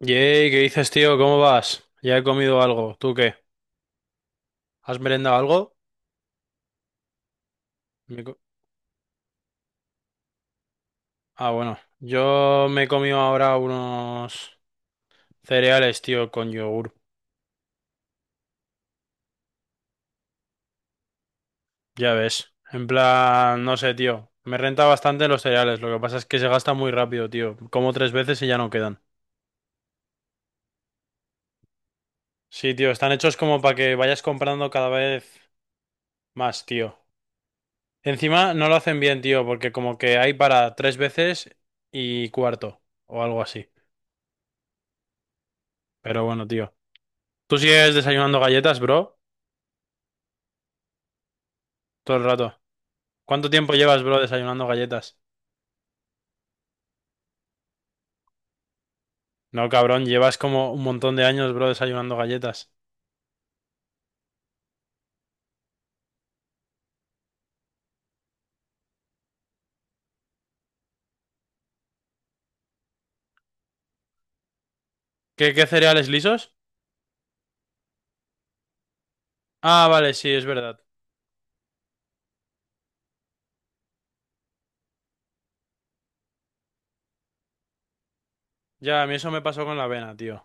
Yey, ¿qué dices, tío? ¿Cómo vas? Ya he comido algo. ¿Tú qué? ¿Has merendado algo? Me co- Ah, bueno. Yo me he comido ahora unos cereales, tío, con yogur. Ya ves. En plan, no sé, tío. Me renta bastante los cereales. Lo que pasa es que se gasta muy rápido, tío. Como tres veces y ya no quedan. Sí, tío. Están hechos como para que vayas comprando cada vez más, tío. Encima no lo hacen bien, tío, porque como que hay para tres veces y cuarto o algo así. Pero bueno, tío. ¿Tú sigues desayunando galletas, bro? Todo el rato. ¿Cuánto tiempo llevas, bro, desayunando galletas? No, cabrón, llevas como un montón de años, bro, desayunando galletas. ¿Qué cereales lisos? Ah, vale, sí, es verdad. Ya, a mí eso me pasó con la avena, tío.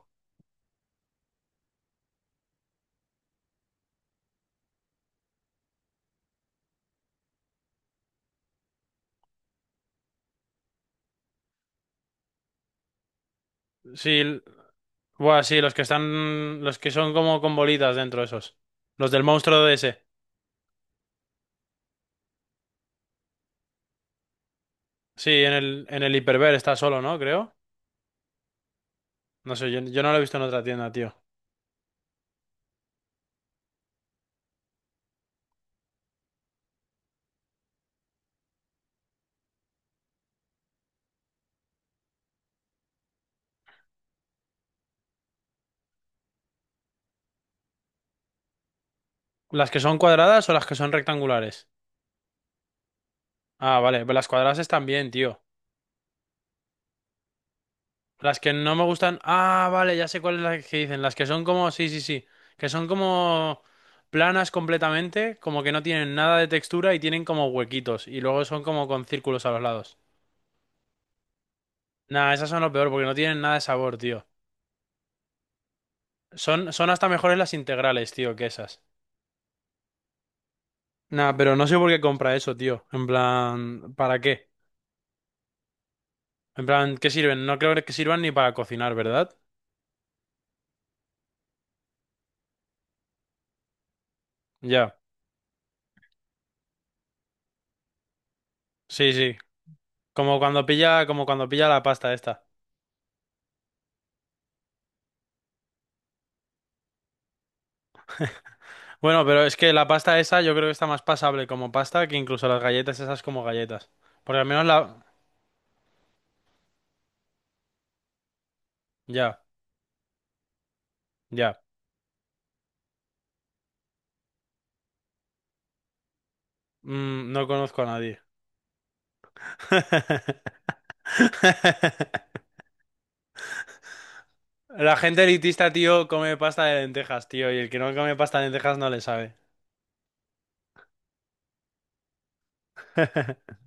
Sí, buah, sí, los que están, los que son como con bolitas dentro, esos. Los del monstruo de ese. Sí, en el Hiperver está solo, ¿no? Creo. No sé, yo no lo he visto en otra tienda, tío. ¿Las que son cuadradas o las que son rectangulares? Ah, vale, pues las cuadradas están bien, tío. Las que no me gustan. Ah, vale, ya sé cuáles las que dicen. Las que son como. Sí, sí, sí. Que son como planas completamente, como que no tienen nada de textura y tienen como huequitos. Y luego son como con círculos a los lados. Nah, esas son lo peor porque no tienen nada de sabor, tío. Son hasta mejores las integrales, tío, que esas. Nah, pero no sé por qué compra eso, tío. En plan, ¿para qué? En plan, ¿qué sirven? No creo que sirvan ni para cocinar, ¿verdad? Ya. Sí, sí. Como cuando pilla la pasta esta. Bueno, pero es que la pasta esa yo creo que está más pasable como pasta que incluso las galletas esas como galletas. Porque al menos la. Ya, ya. Mm, no conozco a nadie. La gente elitista, tío, come pasta de lentejas, tío. Y el que no come pasta de lentejas no le sabe.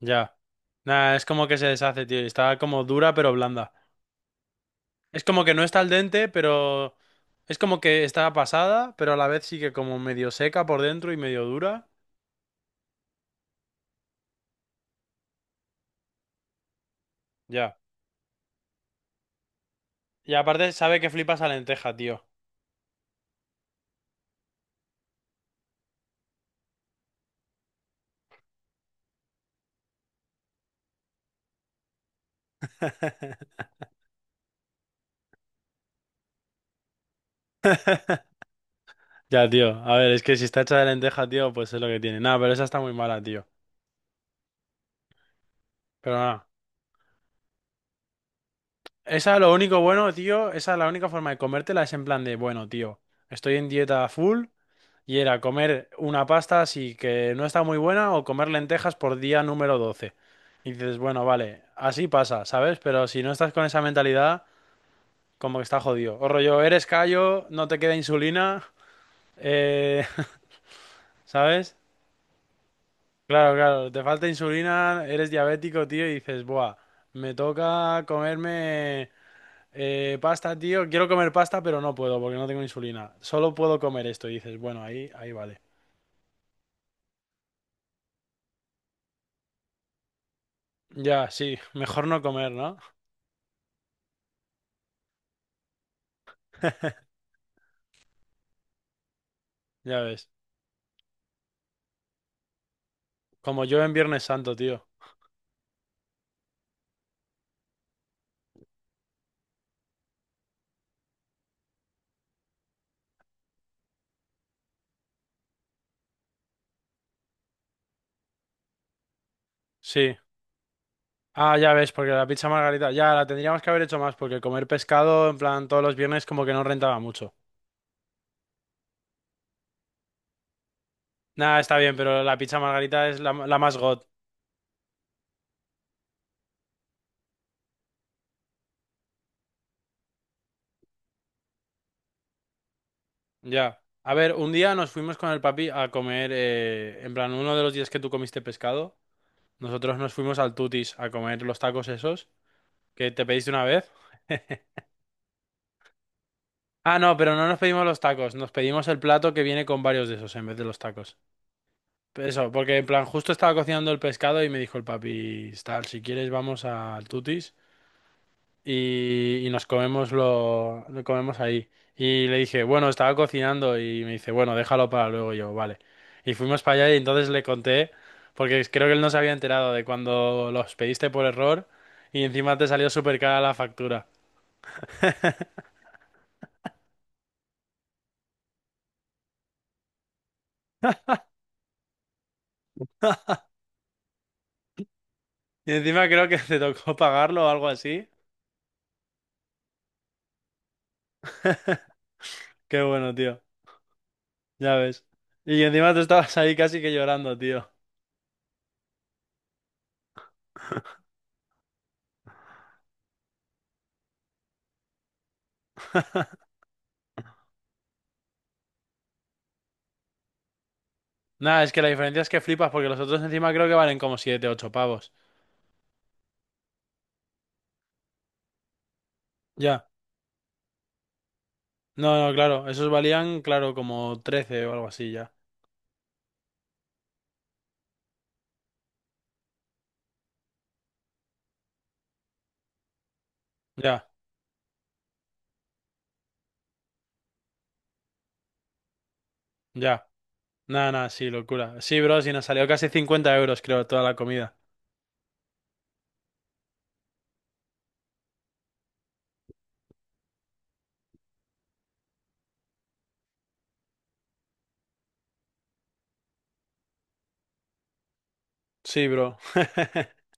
Ya. Nada, es como que se deshace, tío, y está como dura pero blanda. Es como que no está al dente, pero. Es como que está pasada, pero a la vez sí que como medio seca por dentro y medio dura. Ya. Y aparte sabe que flipas a lenteja, tío. Ya, tío. A ver, es que si está hecha de lenteja, tío, pues es lo que tiene. Nada, pero esa está muy mala, tío. Pero nada. Esa, lo único bueno, tío, esa la única forma de comértela es en plan de, bueno, tío, estoy en dieta full y era comer una pasta así que no está muy buena o comer lentejas por día número 12. Y dices, bueno, vale, así pasa, ¿sabes? Pero si no estás con esa mentalidad, como que está jodido. O rollo, eres callo, no te queda insulina, eh, ¿sabes? Claro, claro, te falta insulina, eres diabético, tío, y dices, buah, me toca comerme pasta, tío, quiero comer pasta, pero no puedo porque no tengo insulina, solo puedo comer esto, y dices, bueno, ahí vale. Ya, sí, mejor no comer, ¿no? Ya ves, como yo en Viernes Santo, tío. Sí. Ah, ya ves, porque la pizza margarita, ya la tendríamos que haber hecho más, porque comer pescado, en plan, todos los viernes como que no rentaba mucho. Nada, está bien, pero la pizza margarita es la más god. Ya. A ver, un día nos fuimos con el papi a comer, en plan, uno de los días que tú comiste pescado, nosotros nos fuimos al Tutis a comer los tacos esos que te pediste una vez. Ah, no, pero no nos pedimos los tacos, nos pedimos el plato que viene con varios de esos en vez de los tacos. Eso, porque en plan, justo estaba cocinando el pescado y me dijo el papi, tal, si quieres vamos al Tutis. Y nos comemos lo comemos ahí. Y le dije, bueno, estaba cocinando y me dice, bueno, déjalo para luego. Y yo, vale. Y fuimos para allá y entonces le conté, porque creo que él no se había enterado de cuando los pediste por error y encima te salió súper cara la factura. Y encima creo que te tocó pagarlo o algo así. Qué bueno, tío. Ya ves. Y encima tú estabas ahí casi que llorando, tío. Nada, es que la diferencia es que flipas porque los otros encima creo que valen como 7 8 pavos. Ya. No, no, claro, esos valían, claro, como 13 o algo así ya. Ya, ya. Nada, nada, sí, locura. Sí, bro, sí, nos salió casi 50 euros, creo, toda la comida. Sí, bro.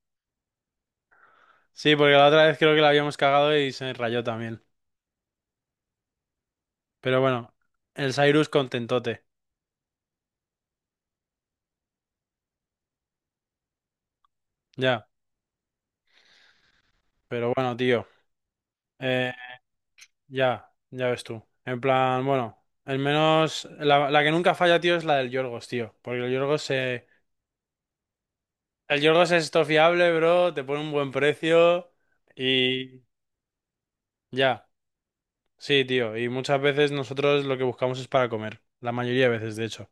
Sí, porque la otra vez creo que la habíamos cagado y se rayó también. Pero bueno, el Cyrus contentote. Ya, pero bueno, tío. Eh, ya, ya ves tú. En plan, bueno, el menos. La que nunca falla, tío, es la del Yorgos, tío. Porque el Yorgos se. El Yorgos es esto fiable, bro, te pone un buen precio y. Ya. Sí, tío, y muchas veces nosotros lo que buscamos es para comer, la mayoría de veces, de hecho.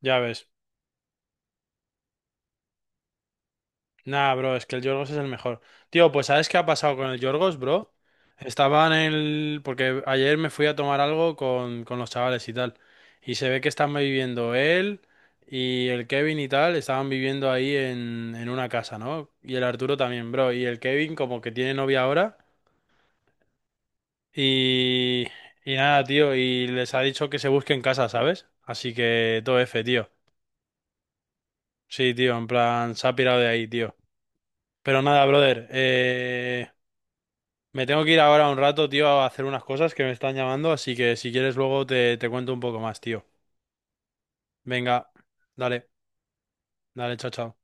Ya ves. Nah, bro, es que el Yorgos es el mejor. Tío, pues ¿sabes qué ha pasado con el Yorgos, bro? Estaba en el. Porque ayer me fui a tomar algo con los chavales y tal. Y se ve que están viviendo él y el Kevin y tal, estaban viviendo ahí en una casa, ¿no? Y el Arturo también, bro. Y el Kevin como que tiene novia ahora. Y... Y nada, tío, y les ha dicho que se busquen casa, ¿sabes? Así que todo F, tío. Sí, tío, en plan, se ha pirado de ahí, tío. Pero nada, brother, me tengo que ir ahora un rato, tío, a hacer unas cosas que me están llamando, así que si quieres luego te cuento un poco más, tío. Venga, dale, dale, chao, chao.